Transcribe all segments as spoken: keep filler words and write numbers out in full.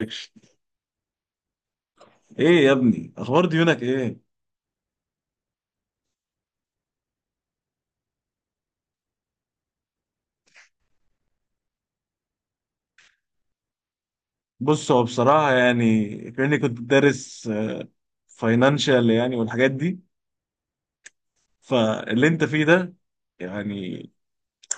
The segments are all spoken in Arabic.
اكشن. ايه يا ابني، اخبار ديونك ايه؟ بص، هو بصراحه يعني كاني كنت دارس فاينانشال يعني والحاجات دي. فاللي انت فيه ده يعني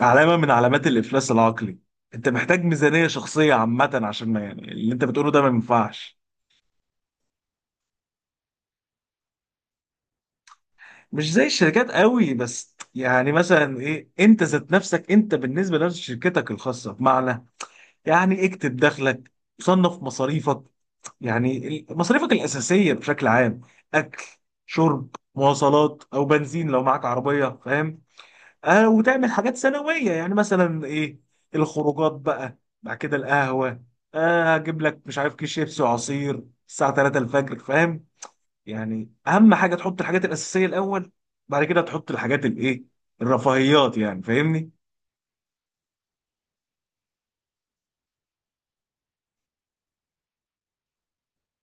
علامه من علامات الافلاس العقلي. انت محتاج ميزانيه شخصيه عامه، عشان ما يعني اللي انت بتقوله ده ما ينفعش. مش زي الشركات قوي، بس يعني مثلا ايه، انت ذات نفسك انت بالنسبه لشركتك الخاصه، بمعنى يعني اكتب دخلك، صنف مصاريفك. يعني ال- مصاريفك الأساسية بشكل عام، أكل، شرب، مواصلات أو بنزين لو معاك عربية، فاهم؟ آه، وتعمل حاجات سنوية، يعني مثلا إيه؟ الخروجات بقى، بعد كده القهوة. آه، هجيب لك مش عارف، كيس شيبسي وعصير الساعة ثلاثة الفجر، فاهم؟ يعني أهم حاجة تحط الحاجات الأساسية الأول، بعد كده تحط الحاجات الإيه، الرفاهيات، يعني فاهمني.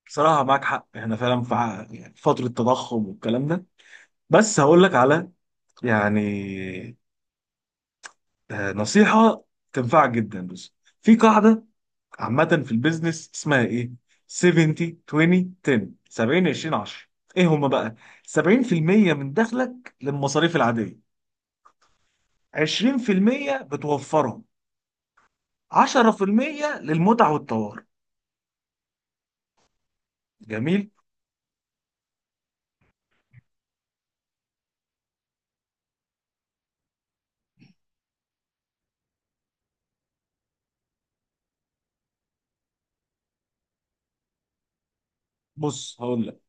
بصراحة معاك حق، احنا فعلا في ع- يعني فترة تضخم والكلام ده، بس هقول لك على يعني آه، نصيحة تنفعك جدا. بس في قاعدة عامة في البيزنس اسمها ايه؟ سبعين، عشرين، عشرة. سبعين، عشرين، عشرة. ايه هما بقى؟ سبعين في المية من دخلك للمصاريف العادية، عشرين في المية بتوفرهم، عشرة في المية للمتع والطوارئ. جميل. بص هقول لك،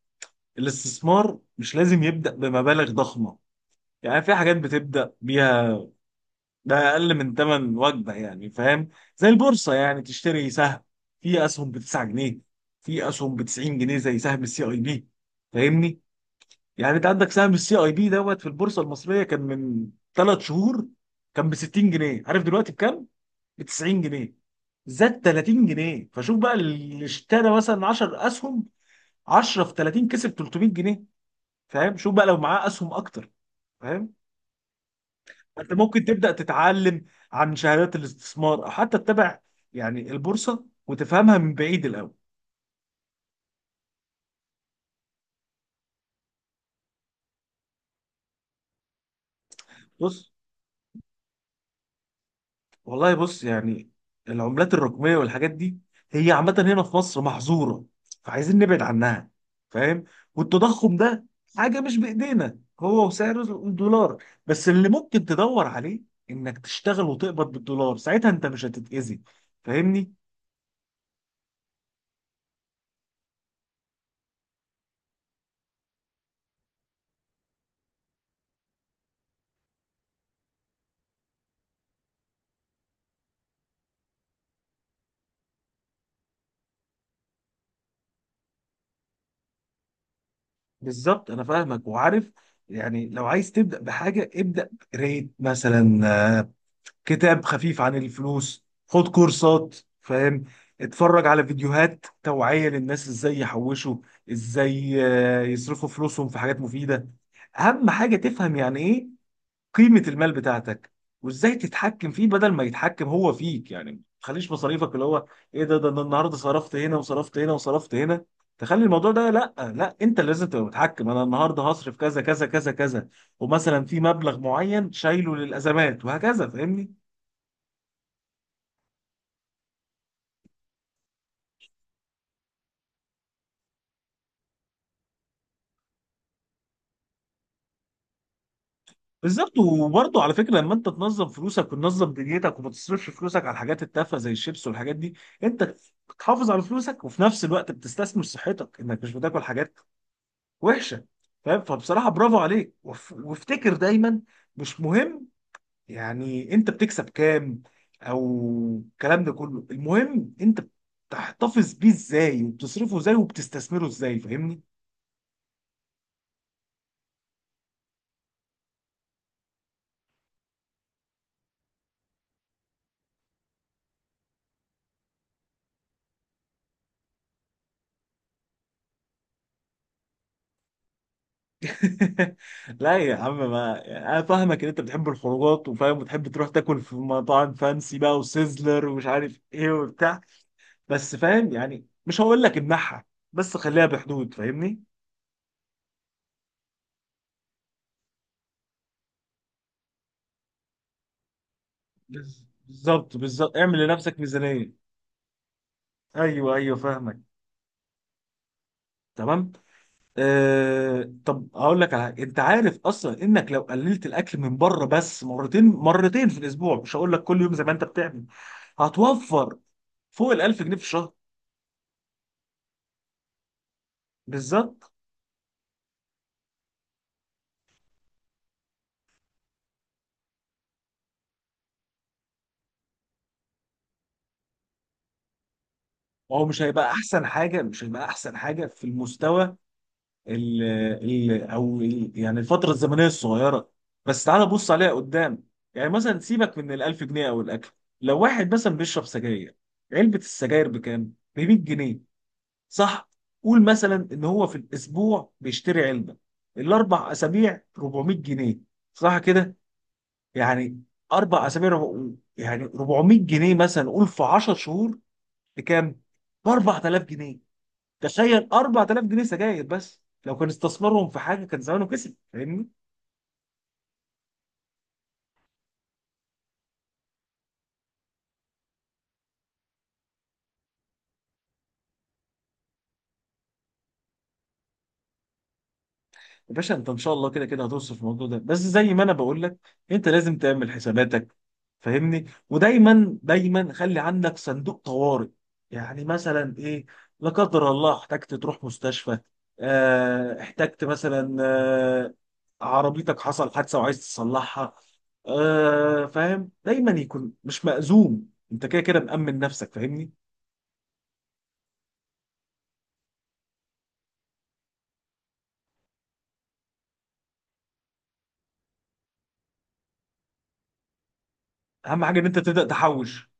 الاستثمار مش لازم يبدأ بمبالغ ضخمة، يعني في حاجات بتبدأ بيها ده اقل من ثمن وجبه يعني، فاهم؟ زي البورصه، يعني تشتري سهم، في اسهم ب تسعة جنيه، في اسهم ب تسعين جنيه زي سهم السي اي بي، فاهمني؟ يعني انت عندك سهم السي اي بي دوت في البورصه المصريه كان من ثلاث شهور، كان ب ستين جنيه، عارف دلوقتي بكام؟ ب تسعين جنيه، زاد تلاتين جنيه. فشوف بقى، اللي اشترى مثلا عشرة اسهم، عشرة في تلاتين، كسب تلتمية جنيه. فاهم؟ شوف بقى لو معاه اسهم اكتر، فاهم؟ انت ممكن تبدا تتعلم عن شهادات الاستثمار، او حتى تتابع يعني البورصه وتفهمها من بعيد الاول. بص، والله بص يعني، العملات الرقميه والحاجات دي هي عامه هنا في مصر محظوره، فعايزين نبعد عنها، فاهم؟ والتضخم ده حاجه مش بايدينا هو وسعر الدولار، بس اللي ممكن تدور عليه انك تشتغل وتقبض بالدولار، ساعتها انت مش هتتاذي، فاهمني؟ بالظبط، انا فاهمك وعارف، يعني لو عايز تبدا بحاجه، ابدا ريت مثلا آه، كتاب خفيف عن الفلوس، خد كورسات، فاهم؟ اتفرج على فيديوهات توعيه للناس ازاي يحوشوا، ازاي آه، يصرفوا فلوسهم في حاجات مفيده. اهم حاجه تفهم يعني ايه قيمة المال بتاعتك، وازاي تتحكم فيه بدل ما يتحكم هو فيك. يعني ما تخليش مصاريفك اللي هو ايه ده ده أنا النهارده صرفت هنا وصرفت هنا وصرفت هنا، تخلي الموضوع ده، لا لا، انت اللي لازم تبقى متحكم. انا النهارده هصرف كذا كذا كذا كذا، ومثلا في مبلغ معين شايله للازمات، وهكذا، فاهمني؟ بالظبط، وبرضه على فكره، لما انت تنظم فلوسك وتنظم دنيتك وما تصرفش فلوسك على الحاجات التافهه زي الشيبس والحاجات دي، انت بتحافظ على فلوسك وفي نفس الوقت بتستثمر صحتك انك مش بتاكل حاجات وحشه، فاهم؟ فبصراحه برافو عليك، وف- وافتكر دايما، مش مهم يعني انت بتكسب كام او الكلام ده كله، المهم انت بتحتفظ بيه ازاي وبتصرفه ازاي وبتستثمره ازاي، فاهمني؟ لا يا عم، ما انا فاهمك ان انت بتحب الخروجات وفاهم، وتحب تروح تاكل في مطاعم فانسي بقى وسيزلر ومش عارف ايه وبتاع، بس فاهم يعني مش هقول لك امنعها، بس خليها بحدود، فاهمني؟ بز- بالظبط بالظبط، اعمل لنفسك ميزانية. ايوه ايوه، فاهمك، تمام. آه، طب هقول لك على حاجه، انت عارف اصلا انك لو قللت الاكل من بره بس مرتين مرتين في الاسبوع، مش هقول لك كل يوم زي ما انت بتعمل، هتوفر فوق ال الف جنيه في الشهر. بالظبط. هو مش هيبقى احسن حاجه، مش هيبقى احسن حاجه في المستوى ال ال او ال يعني الفتره الزمنيه الصغيره، بس تعالى بص عليها قدام. يعني مثلا سيبك من ال الف جنيه او الاكل، لو واحد مثلا بيشرب سجاير، علبه السجاير بكام؟ ب مية جنيه، صح؟ قول مثلا ان هو في الاسبوع بيشتري علبه، الاربع اسابيع اربعمية جنيه، صح كده؟ يعني اربع اسابيع، ربع... يعني اربعمية جنيه مثلا، قول في 10 شهور بكام؟ ب اربعة الاف جنيه. تخيل، اربعة الاف جنيه سجاير بس، لو كان استثمرهم في حاجه كان زمانه كسب، فاهمني؟ يا باشا، انت ان شاء الله كده كده هتوصل في الموضوع ده، بس زي ما انا بقول لك انت لازم تعمل حساباتك، فاهمني؟ ودايما دايما خلي عندك صندوق طوارئ، يعني مثلا ايه؟ لا قدر الله احتجت تروح مستشفى، اه احتجت مثلا اه عربيتك حصل حادثة وعايز تصلحها، اه فاهم، دايما يكون مش مأزوم، انت كده كده مأمن نفسك، فاهمني؟ اهم حاجة ان انت تبدأ تحوش.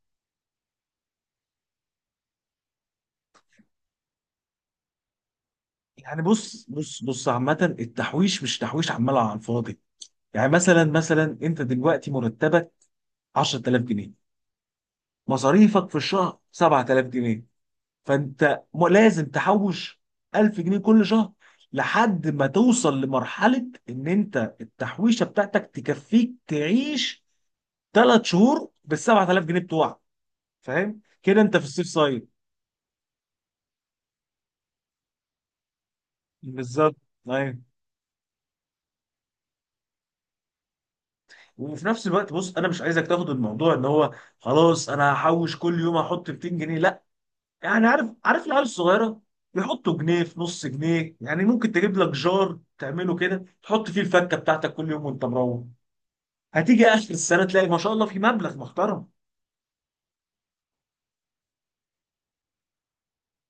يعني بص بص بص، عامة التحويش مش تحويش عمال على الفاضي. يعني مثلا مثلا انت دلوقتي مرتبك عشرة الاف جنيه، مصاريفك في الشهر سبعة الاف جنيه، فانت م- لازم تحوش الف جنيه كل شهر، لحد ما توصل لمرحلة ان انت التحويشة بتاعتك تكفيك تعيش 3 شهور بال سبعة الاف جنيه بتوعك، فاهم كده؟ انت في السيف سايد. بالظبط، ايوه. وفي نفس الوقت بص، انا مش عايزك تاخد الموضوع ان هو خلاص انا هحوش كل يوم احط ميتين جنيه. يعني عارف عارف، العيال الصغيره بيحطوا جنيه في نص جنيه، يعني ممكن تجيب لك جار تعمله كده تحط فيه الفكه بتاعتك كل يوم وانت مروح، هتيجي اخر السنه تلاقي ما شاء الله في مبلغ محترم،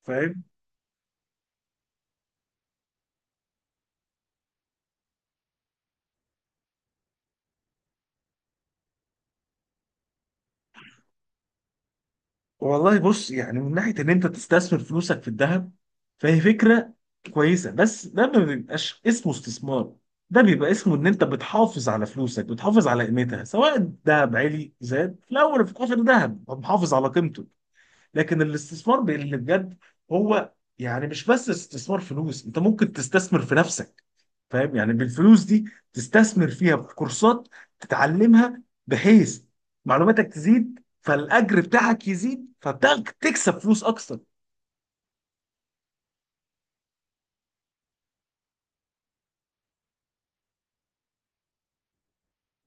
فاهم؟ والله بص يعني، من ناحيه ان انت تستثمر فلوسك في الذهب، فهي فكره كويسه، بس ده ما بيبقاش اسمه استثمار، ده بيبقى اسمه ان انت بتحافظ على فلوسك، بتحافظ على قيمتها، سواء الذهب عالي زاد في الاول وفي الاخر، ذهب محافظ على قيمته. لكن الاستثمار ب- اللي بجد هو يعني مش بس استثمار فلوس، انت ممكن تستثمر في نفسك، فاهم؟ يعني بالفلوس دي تستثمر فيها في كورسات تتعلمها، بحيث معلوماتك تزيد فالاجر بتاعك يزيد فتكسب فلوس اكتر.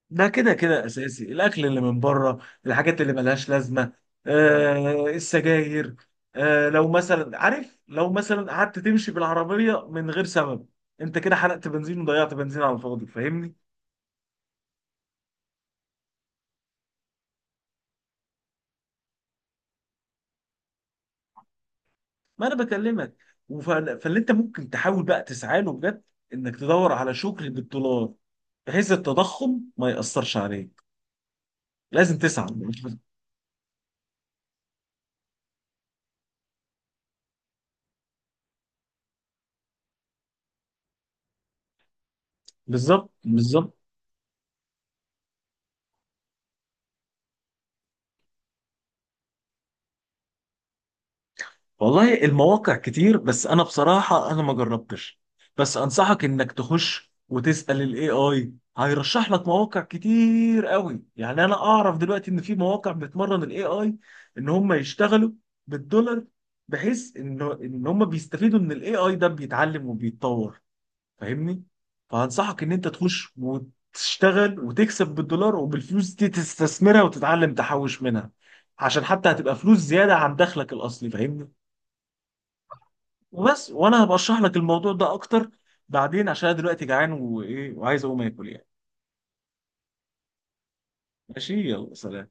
ده كده كده اساسي، الاكل اللي من بره، الحاجات اللي ملهاش لازمه، آه السجاير، آه لو مثلا عارف لو مثلا قعدت تمشي بالعربيه من غير سبب، انت كده حرقت بنزين وضيعت بنزين على الفاضي، فاهمني؟ ما انا بكلمك، وف- فاللي انت ممكن تحاول بقى تسعى له بجد انك تدور على شغل بالدولار بحيث التضخم ما يأثرش عليك، لازم تسعى. بالظبط بالظبط. والله المواقع كتير، بس انا بصراحة انا ما جربتش، بس انصحك انك تخش وتسأل الاي اي، هيرشح لك مواقع كتير قوي، يعني انا اعرف دلوقتي ان في مواقع بتمرن الاي اي ان هم يشتغلوا بالدولار، بحيث ان ان هم بيستفيدوا ان الاي اي ده بيتعلم وبيتطور، فاهمني؟ فهنصحك ان انت تخش وتشتغل وتكسب بالدولار، وبالفلوس دي تستثمرها وتتعلم تحوش منها، عشان حتى هتبقى فلوس زيادة عن دخلك الأصلي، فاهمني؟ وبس، وانا هبقى اشرح لك الموضوع ده اكتر بعدين، عشان أنا دلوقتي جعان وايه وعايز اقوم اكل يعني. ماشي، يلا سلام.